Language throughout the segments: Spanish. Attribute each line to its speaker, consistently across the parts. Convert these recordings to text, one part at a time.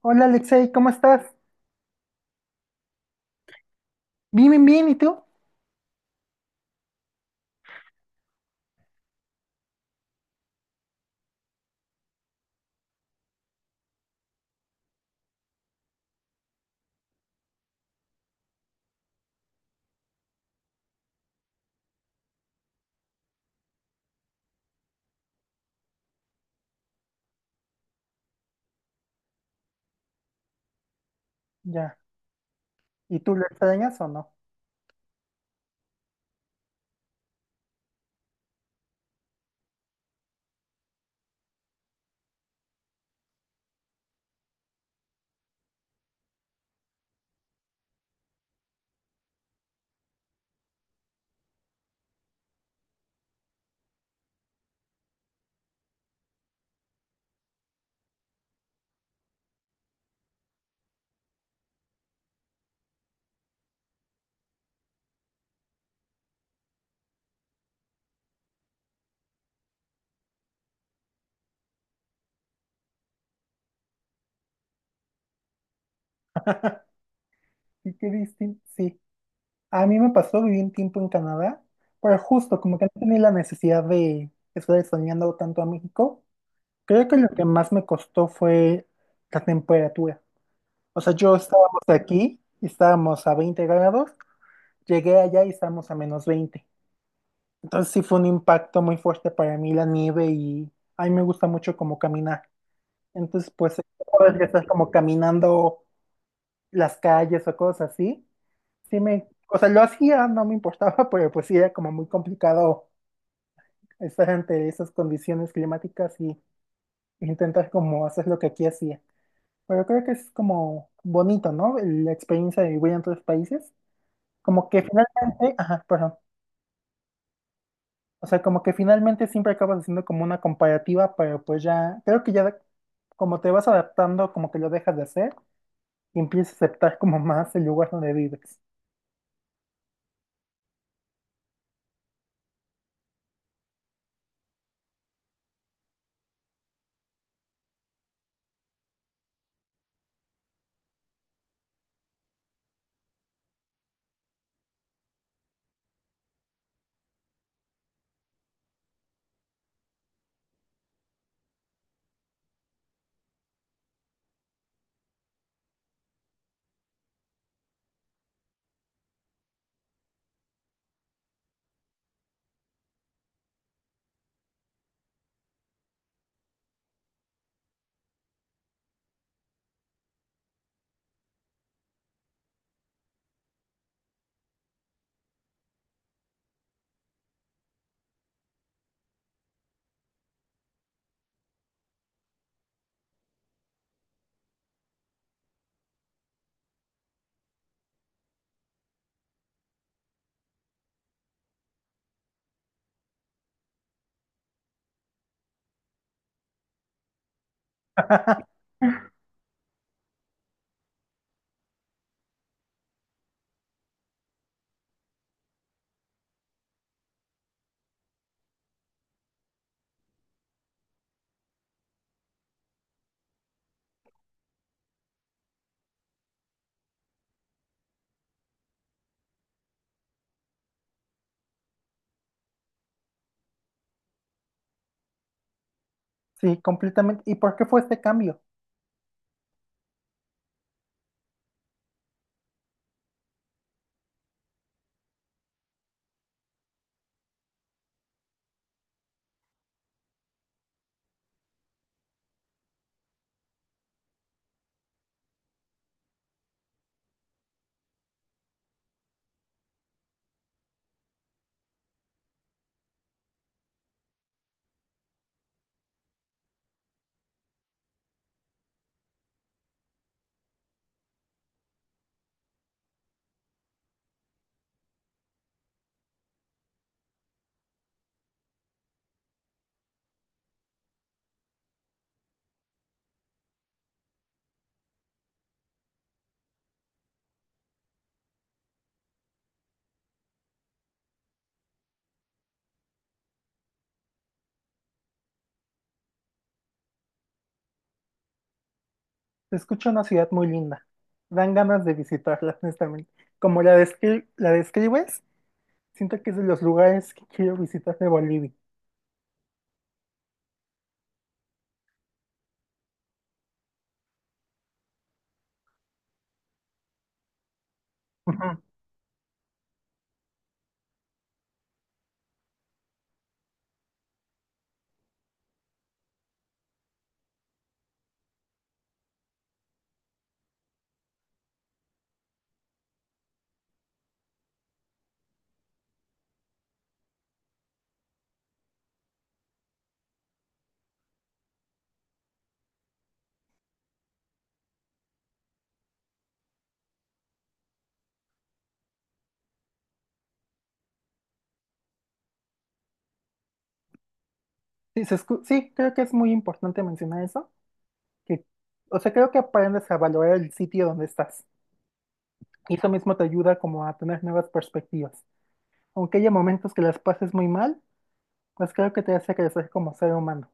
Speaker 1: Hola Alexei, ¿cómo estás? Bien, bien, bien, ¿y tú? Ya. ¿Y tú lo extrañas o no? Sí, qué distinto. Sí. A mí me pasó, viví un tiempo en Canadá, pero justo como que no tenía la necesidad de estar extrañando tanto a México. Creo que lo que más me costó fue la temperatura. O sea, yo estábamos aquí, y estábamos a 20 grados, llegué allá y estábamos a menos 20. Entonces sí fue un impacto muy fuerte para mí la nieve y a mí me gusta mucho como caminar. Entonces, pues, puedes estar como caminando las calles o cosas así. Sí me, o sea, lo hacía, no me importaba, pero pues sí era como muy complicado estar ante esas condiciones climáticas y intentar como hacer lo que aquí hacía. Pero creo que es como bonito, ¿no? La experiencia de vivir en otros países. Como que finalmente, ajá, perdón. O sea, como que finalmente siempre acabas haciendo como una comparativa, pero pues ya, creo que ya como te vas adaptando, como que lo dejas de hacer y empiezas a aceptar como más el lugar donde vives. Sí, completamente. ¿Y por qué fue este cambio? Se escucha una ciudad muy linda. Dan ganas de visitarla, honestamente. Como la describes, siento que es de los lugares que quiero visitar de Bolivia. Ujú. Sí, sí, creo que es muy importante mencionar eso. Que, o sea, creo que aprendes a valorar el sitio donde estás. Y eso mismo te ayuda como a tener nuevas perspectivas. Aunque haya momentos que las pases muy mal, pues creo que te hace crecer como ser humano.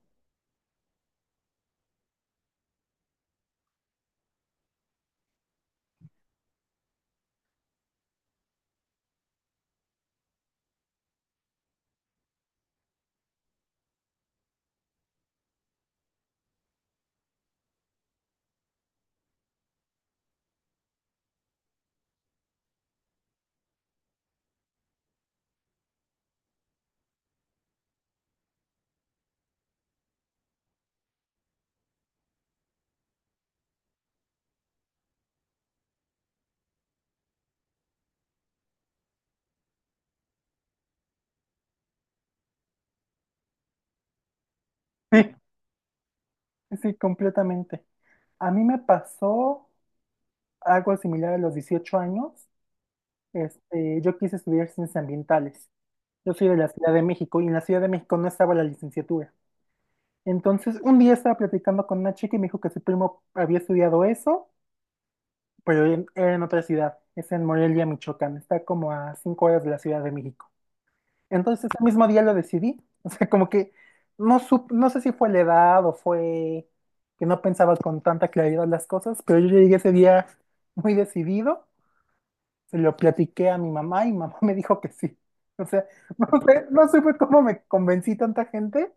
Speaker 1: Sí, sí, completamente. A mí me pasó algo similar a los 18 años. Este, yo quise estudiar ciencias ambientales. Yo soy de la Ciudad de México y en la Ciudad de México no estaba la licenciatura. Entonces, un día estaba platicando con una chica y me dijo que su primo había estudiado eso, pero era en otra ciudad, es en Morelia, Michoacán, está como a 5 horas de la Ciudad de México. Entonces, ese mismo día lo decidí, o sea, como que no sé si fue la edad o fue que no pensaba con tanta claridad las cosas, pero yo llegué ese día muy decidido. Se lo platiqué a mi mamá y mamá me dijo que sí. O sea, no sé, no supe cómo me convencí tanta gente,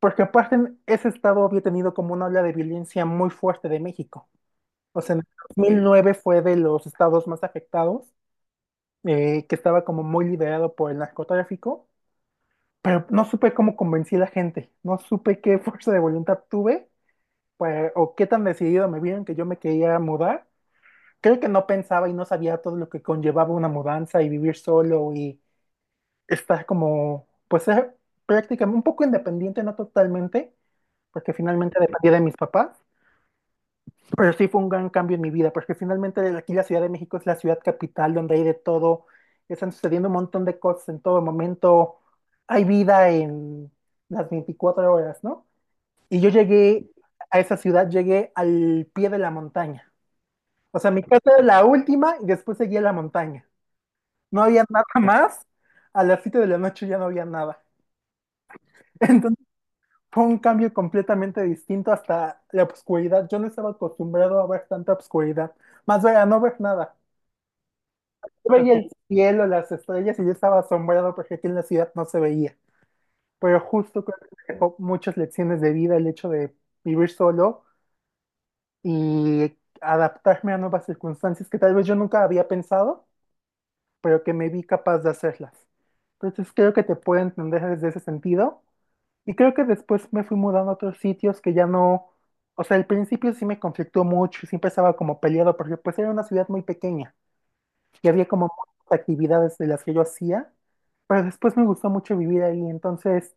Speaker 1: porque aparte en ese estado había tenido como una ola de violencia muy fuerte de México. O sea, en el 2009 fue de los estados más afectados, que estaba como muy liderado por el narcotráfico, pero no supe cómo convencí a la gente, no supe qué fuerza de voluntad tuve, pues, o qué tan decidido me vieron que yo me quería mudar. Creo que no pensaba y no sabía todo lo que conllevaba una mudanza y vivir solo y estás como, pues es prácticamente un poco independiente, no totalmente, porque finalmente dependía de mis papás, pero sí fue un gran cambio en mi vida, porque finalmente aquí la Ciudad de México es la ciudad capital donde hay de todo, están sucediendo un montón de cosas en todo momento, hay vida en las 24 horas, ¿no? Y yo llegué a esa ciudad, llegué al pie de la montaña. O sea, mi casa era la última y después seguía la montaña. No había nada más. A las 7 de la noche ya no había nada. Entonces, fue un cambio completamente distinto hasta la obscuridad. Yo no estaba acostumbrado a ver tanta obscuridad. Más bien, a no ver nada. Yo veía el cielo, las estrellas y yo estaba asombrado porque aquí en la ciudad no se veía. Pero justo creo que me dejó muchas lecciones de vida el hecho de vivir solo y adaptarme a nuevas circunstancias que tal vez yo nunca había pensado pero que me vi capaz de hacerlas. Entonces creo que te puedo entender desde ese sentido. Y creo que después me fui mudando a otros sitios que ya no, o sea, al principio sí me conflictó mucho, siempre estaba como peleado porque pues era una ciudad muy pequeña y había como muchas actividades de las que yo hacía, pero después me gustó mucho vivir ahí, entonces,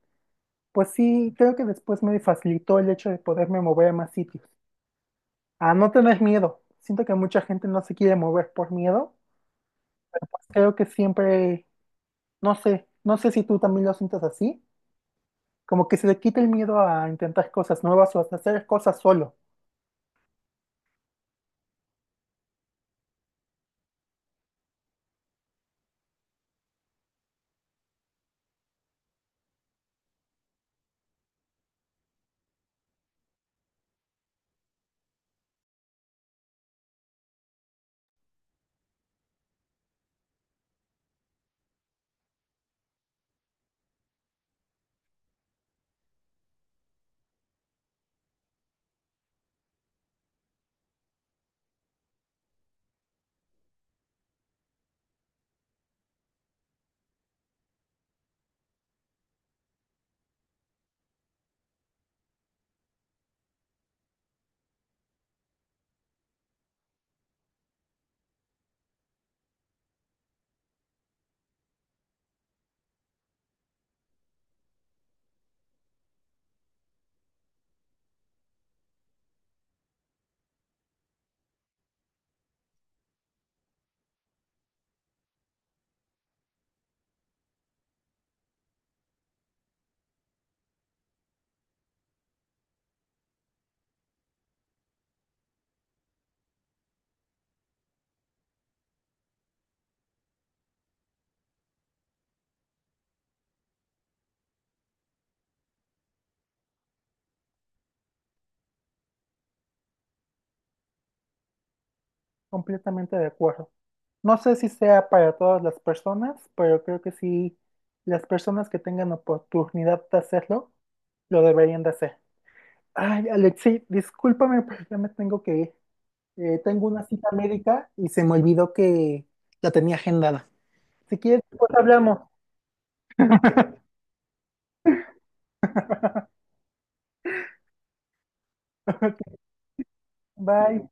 Speaker 1: pues sí, creo que después me facilitó el hecho de poderme mover a más sitios, a no tener miedo. Siento que mucha gente no se quiere mover por miedo, pues creo que siempre no sé, no sé si tú también lo sientes así, como que se le quita el miedo a intentar cosas nuevas o hasta hacer cosas solo, completamente de acuerdo. No sé si sea para todas las personas, pero creo que sí, las personas que tengan oportunidad de hacerlo, lo deberían de hacer. Ay, Alexi, discúlpame, pero ya me tengo que ir. Tengo una cita médica y se me olvidó que la tenía agendada. Si quieres, pues hablamos. Bye.